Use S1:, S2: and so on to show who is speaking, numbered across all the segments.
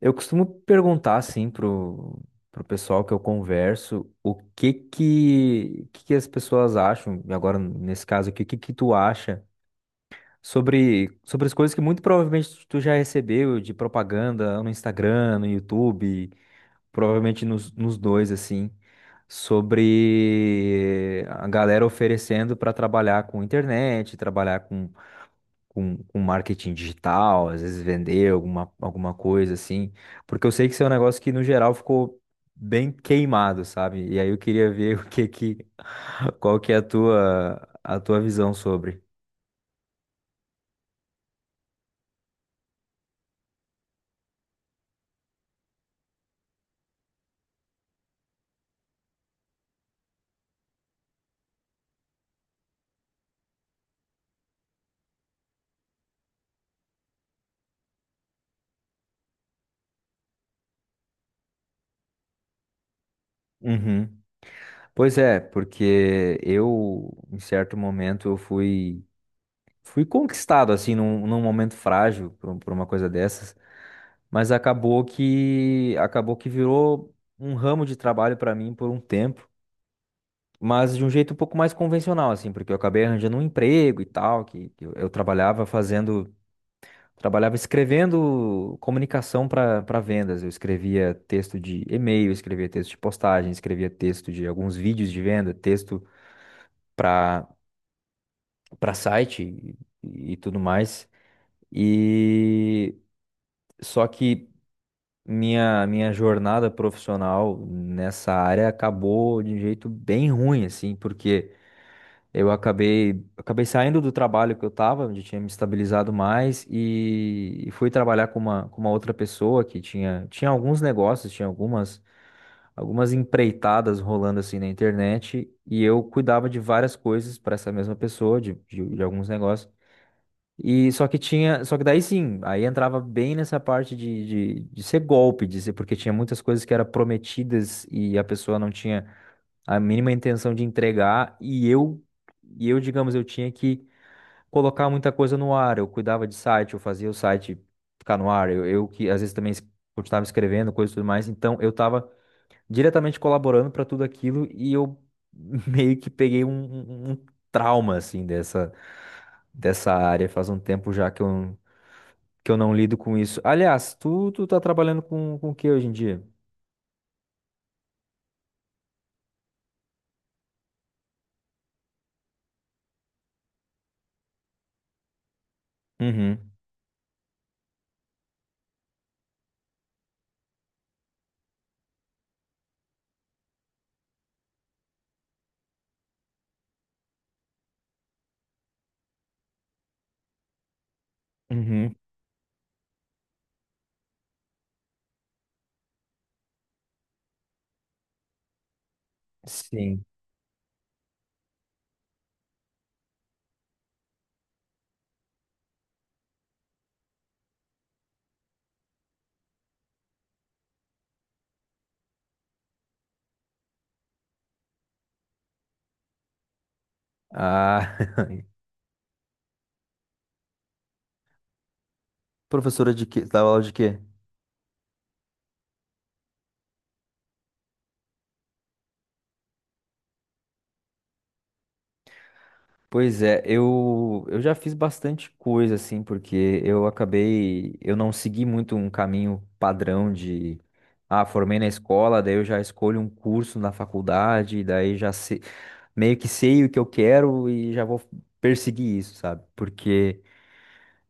S1: Eu costumo perguntar assim pro pessoal que eu converso o que que as pessoas acham, e agora nesse caso aqui, o que que tu acha sobre as coisas que muito provavelmente tu já recebeu de propaganda no Instagram, no YouTube, provavelmente nos dois assim, sobre a galera oferecendo para trabalhar com internet, trabalhar com com marketing digital, às vezes vender alguma coisa assim, porque eu sei que isso é um negócio que no geral ficou bem queimado, sabe? E aí eu queria ver o que que, qual que é a tua visão sobre. Uhum. Pois é, porque em certo momento, eu fui conquistado, assim, num momento frágil por uma coisa dessas, mas acabou que virou um ramo de trabalho para mim por um tempo. Mas de um jeito um pouco mais convencional, assim, porque eu acabei arranjando um emprego e tal, que eu trabalhava fazendo, trabalhava escrevendo comunicação para vendas. Eu escrevia texto de e-mail, escrevia texto de postagem, escrevia texto de alguns vídeos de venda, texto para para site e tudo mais. E só que minha jornada profissional nessa área acabou de um jeito bem ruim, assim, porque eu acabei saindo do trabalho que eu estava, onde tinha me estabilizado mais, e fui trabalhar com uma outra pessoa que tinha alguns negócios, tinha algumas empreitadas rolando assim na internet, e eu cuidava de várias coisas para essa mesma pessoa, de alguns negócios. E só que tinha, só que daí sim, aí entrava bem nessa parte de ser golpe, de ser, porque tinha muitas coisas que eram prometidas e a pessoa não tinha a mínima intenção de entregar e eu, digamos, eu tinha que colocar muita coisa no ar. Eu cuidava de site, eu fazia o site ficar no ar. Eu que às vezes também continuava escrevendo coisas e tudo mais, então eu estava diretamente colaborando para tudo aquilo e eu meio que peguei um trauma assim dessa área faz um tempo já que eu não lido com isso. Aliás, tu tá trabalhando com o que hoje em dia? Uhum. Uhum. Sim. Ah, Professora de quê? Você dava aula de quê? Pois é, eu já fiz bastante coisa, assim, porque eu acabei, eu não segui muito um caminho padrão de, ah, formei na escola, daí eu já escolho um curso na faculdade, daí já meio que sei o que eu quero e já vou perseguir isso, sabe? Porque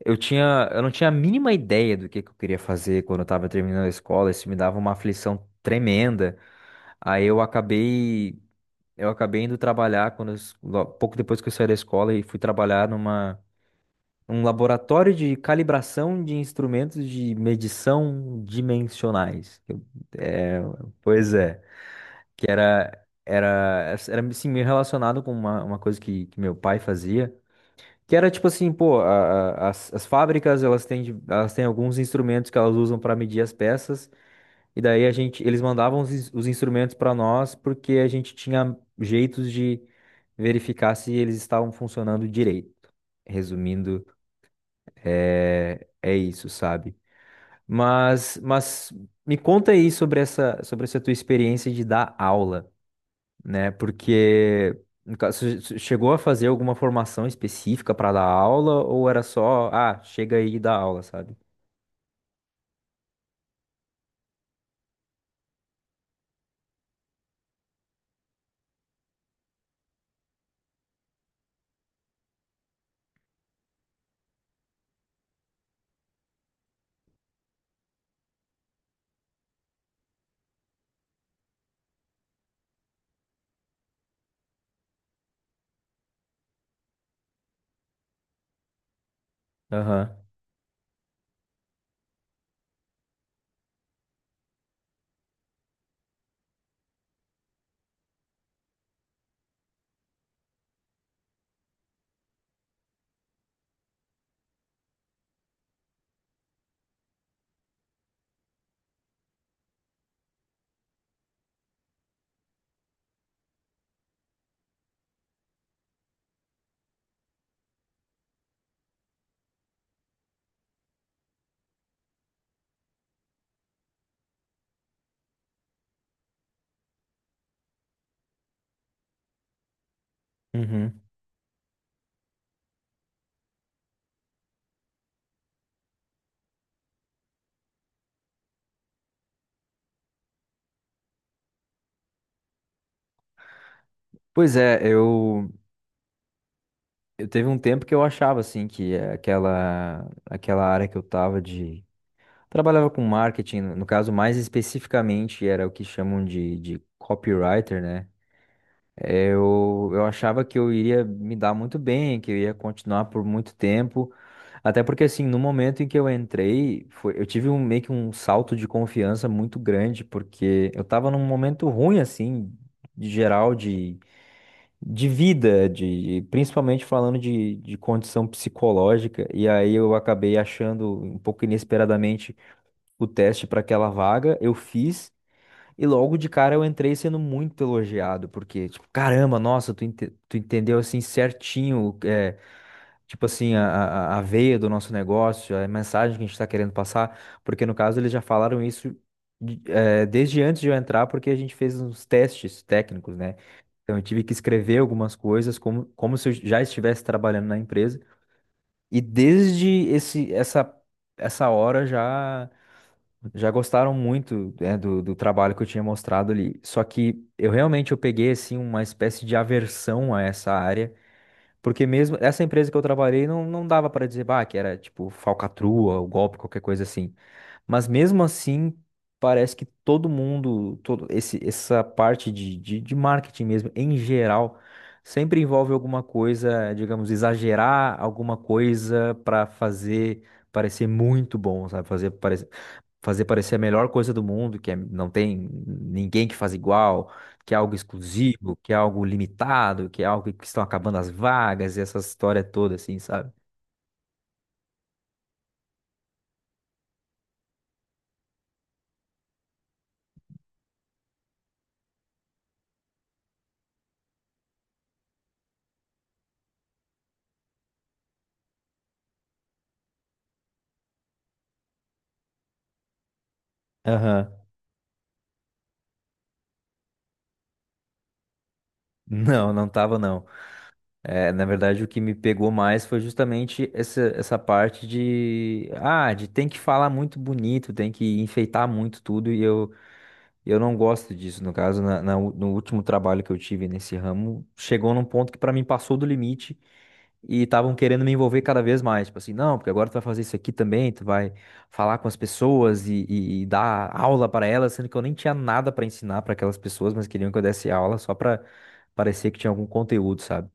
S1: eu não tinha a mínima ideia do que eu queria fazer quando eu tava terminando a escola, isso me dava uma aflição tremenda, aí eu acabei. Eu acabei indo trabalhar quando pouco depois que eu saí da escola e fui trabalhar numa um laboratório de calibração de instrumentos de medição dimensionais. É, pois é, que era era assim, meio relacionado com uma coisa que meu pai fazia, que era tipo assim, pô, as fábricas elas têm elas têm alguns instrumentos que elas usam para medir as peças e daí a gente, eles mandavam os, os instrumentos para nós porque a gente tinha jeitos de verificar se eles estavam funcionando direito. Resumindo, é, é isso, sabe? Mas me conta aí sobre essa tua experiência de dar aula, né? Porque no caso, você chegou a fazer alguma formação específica para dar aula ou era só, ah, chega aí e dá aula, sabe? Aham. Uhum. Pois é, eu. Eu teve um tempo que eu achava assim que aquela área que eu tava de trabalhava com marketing, no caso mais especificamente era o que chamam de copywriter, né? Eu achava que eu iria me dar muito bem, que eu ia continuar por muito tempo, até porque assim, no momento em que eu entrei, foi, eu tive um meio que um salto de confiança muito grande, porque eu estava num momento ruim assim, de geral de vida, de principalmente falando de condição psicológica, e aí eu acabei achando um pouco inesperadamente o teste para aquela vaga, eu fiz e logo de cara eu entrei sendo muito elogiado, porque tipo, caramba, nossa, tu, tu entendeu assim certinho, é, tipo assim, a veia do nosso negócio, a mensagem que a gente está querendo passar, porque no caso eles já falaram isso desde antes de eu entrar, porque a gente fez uns testes técnicos, né? Então eu tive que escrever algumas coisas como, como se eu já estivesse trabalhando na empresa. E desde essa hora já, já gostaram muito, né, do trabalho que eu tinha mostrado ali. Só que eu realmente eu peguei assim uma espécie de aversão a essa área porque mesmo essa empresa que eu trabalhei não, não dava para dizer, bah, que era tipo falcatrua, ou golpe, qualquer coisa assim. Mas mesmo assim, parece que todo mundo, todo essa parte de marketing mesmo, em geral, sempre envolve alguma coisa, digamos, exagerar alguma coisa para fazer parecer muito bom, sabe? Fazer parecer a melhor coisa do mundo, não tem ninguém que faz igual, que é algo exclusivo, que é algo limitado, que é algo que estão acabando as vagas, e essa história toda, assim, sabe? Aham. Não, não tava, não. É, na verdade, o que me pegou mais foi justamente essa parte de, ah, de tem que falar muito bonito, tem que enfeitar muito tudo, e eu não gosto disso. No caso, no último trabalho que eu tive nesse ramo, chegou num ponto que pra mim passou do limite e estavam querendo me envolver cada vez mais. Tipo assim, não, porque agora tu vai fazer isso aqui também, tu vai falar com as pessoas e dar aula para elas, sendo que eu nem tinha nada para ensinar para aquelas pessoas, mas queriam que eu desse aula só para parecer que tinha algum conteúdo, sabe?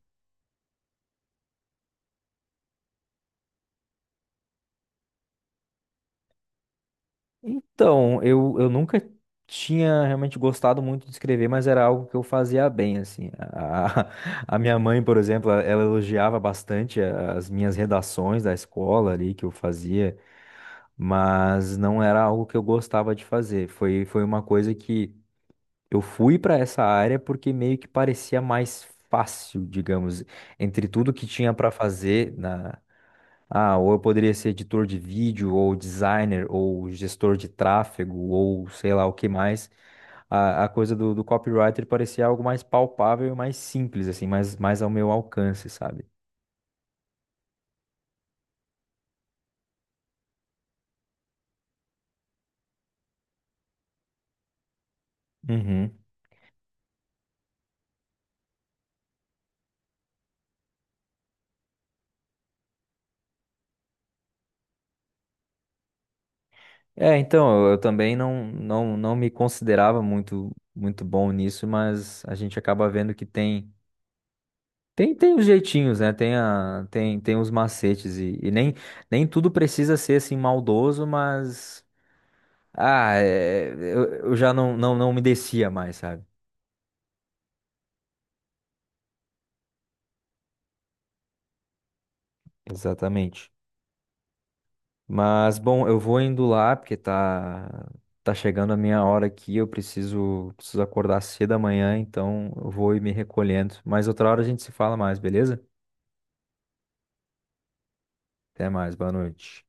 S1: Então, eu nunca tinha realmente gostado muito de escrever, mas era algo que eu fazia bem, assim. A, a minha mãe, por exemplo, ela elogiava bastante as minhas redações da escola ali que eu fazia, mas não era algo que eu gostava de fazer. Foi uma coisa que eu fui para essa área porque meio que parecia mais fácil, digamos, entre tudo que tinha para fazer ou eu poderia ser editor de vídeo, ou designer, ou gestor de tráfego, ou sei lá o que mais. A coisa do copywriter parecia algo mais palpável e mais simples, assim, mais ao meu alcance, sabe? Uhum. É, então, eu também não me considerava muito bom nisso, mas a gente acaba vendo que tem. Tem os jeitinhos, né? Tem os macetes e nem tudo precisa ser assim maldoso, mas ah, é, eu já não me descia mais, sabe? Exatamente. Mas, bom, eu vou indo lá, porque tá chegando a minha hora aqui, eu preciso acordar cedo amanhã, então eu vou ir me recolhendo. Mas outra hora a gente se fala mais, beleza? Até mais, boa noite.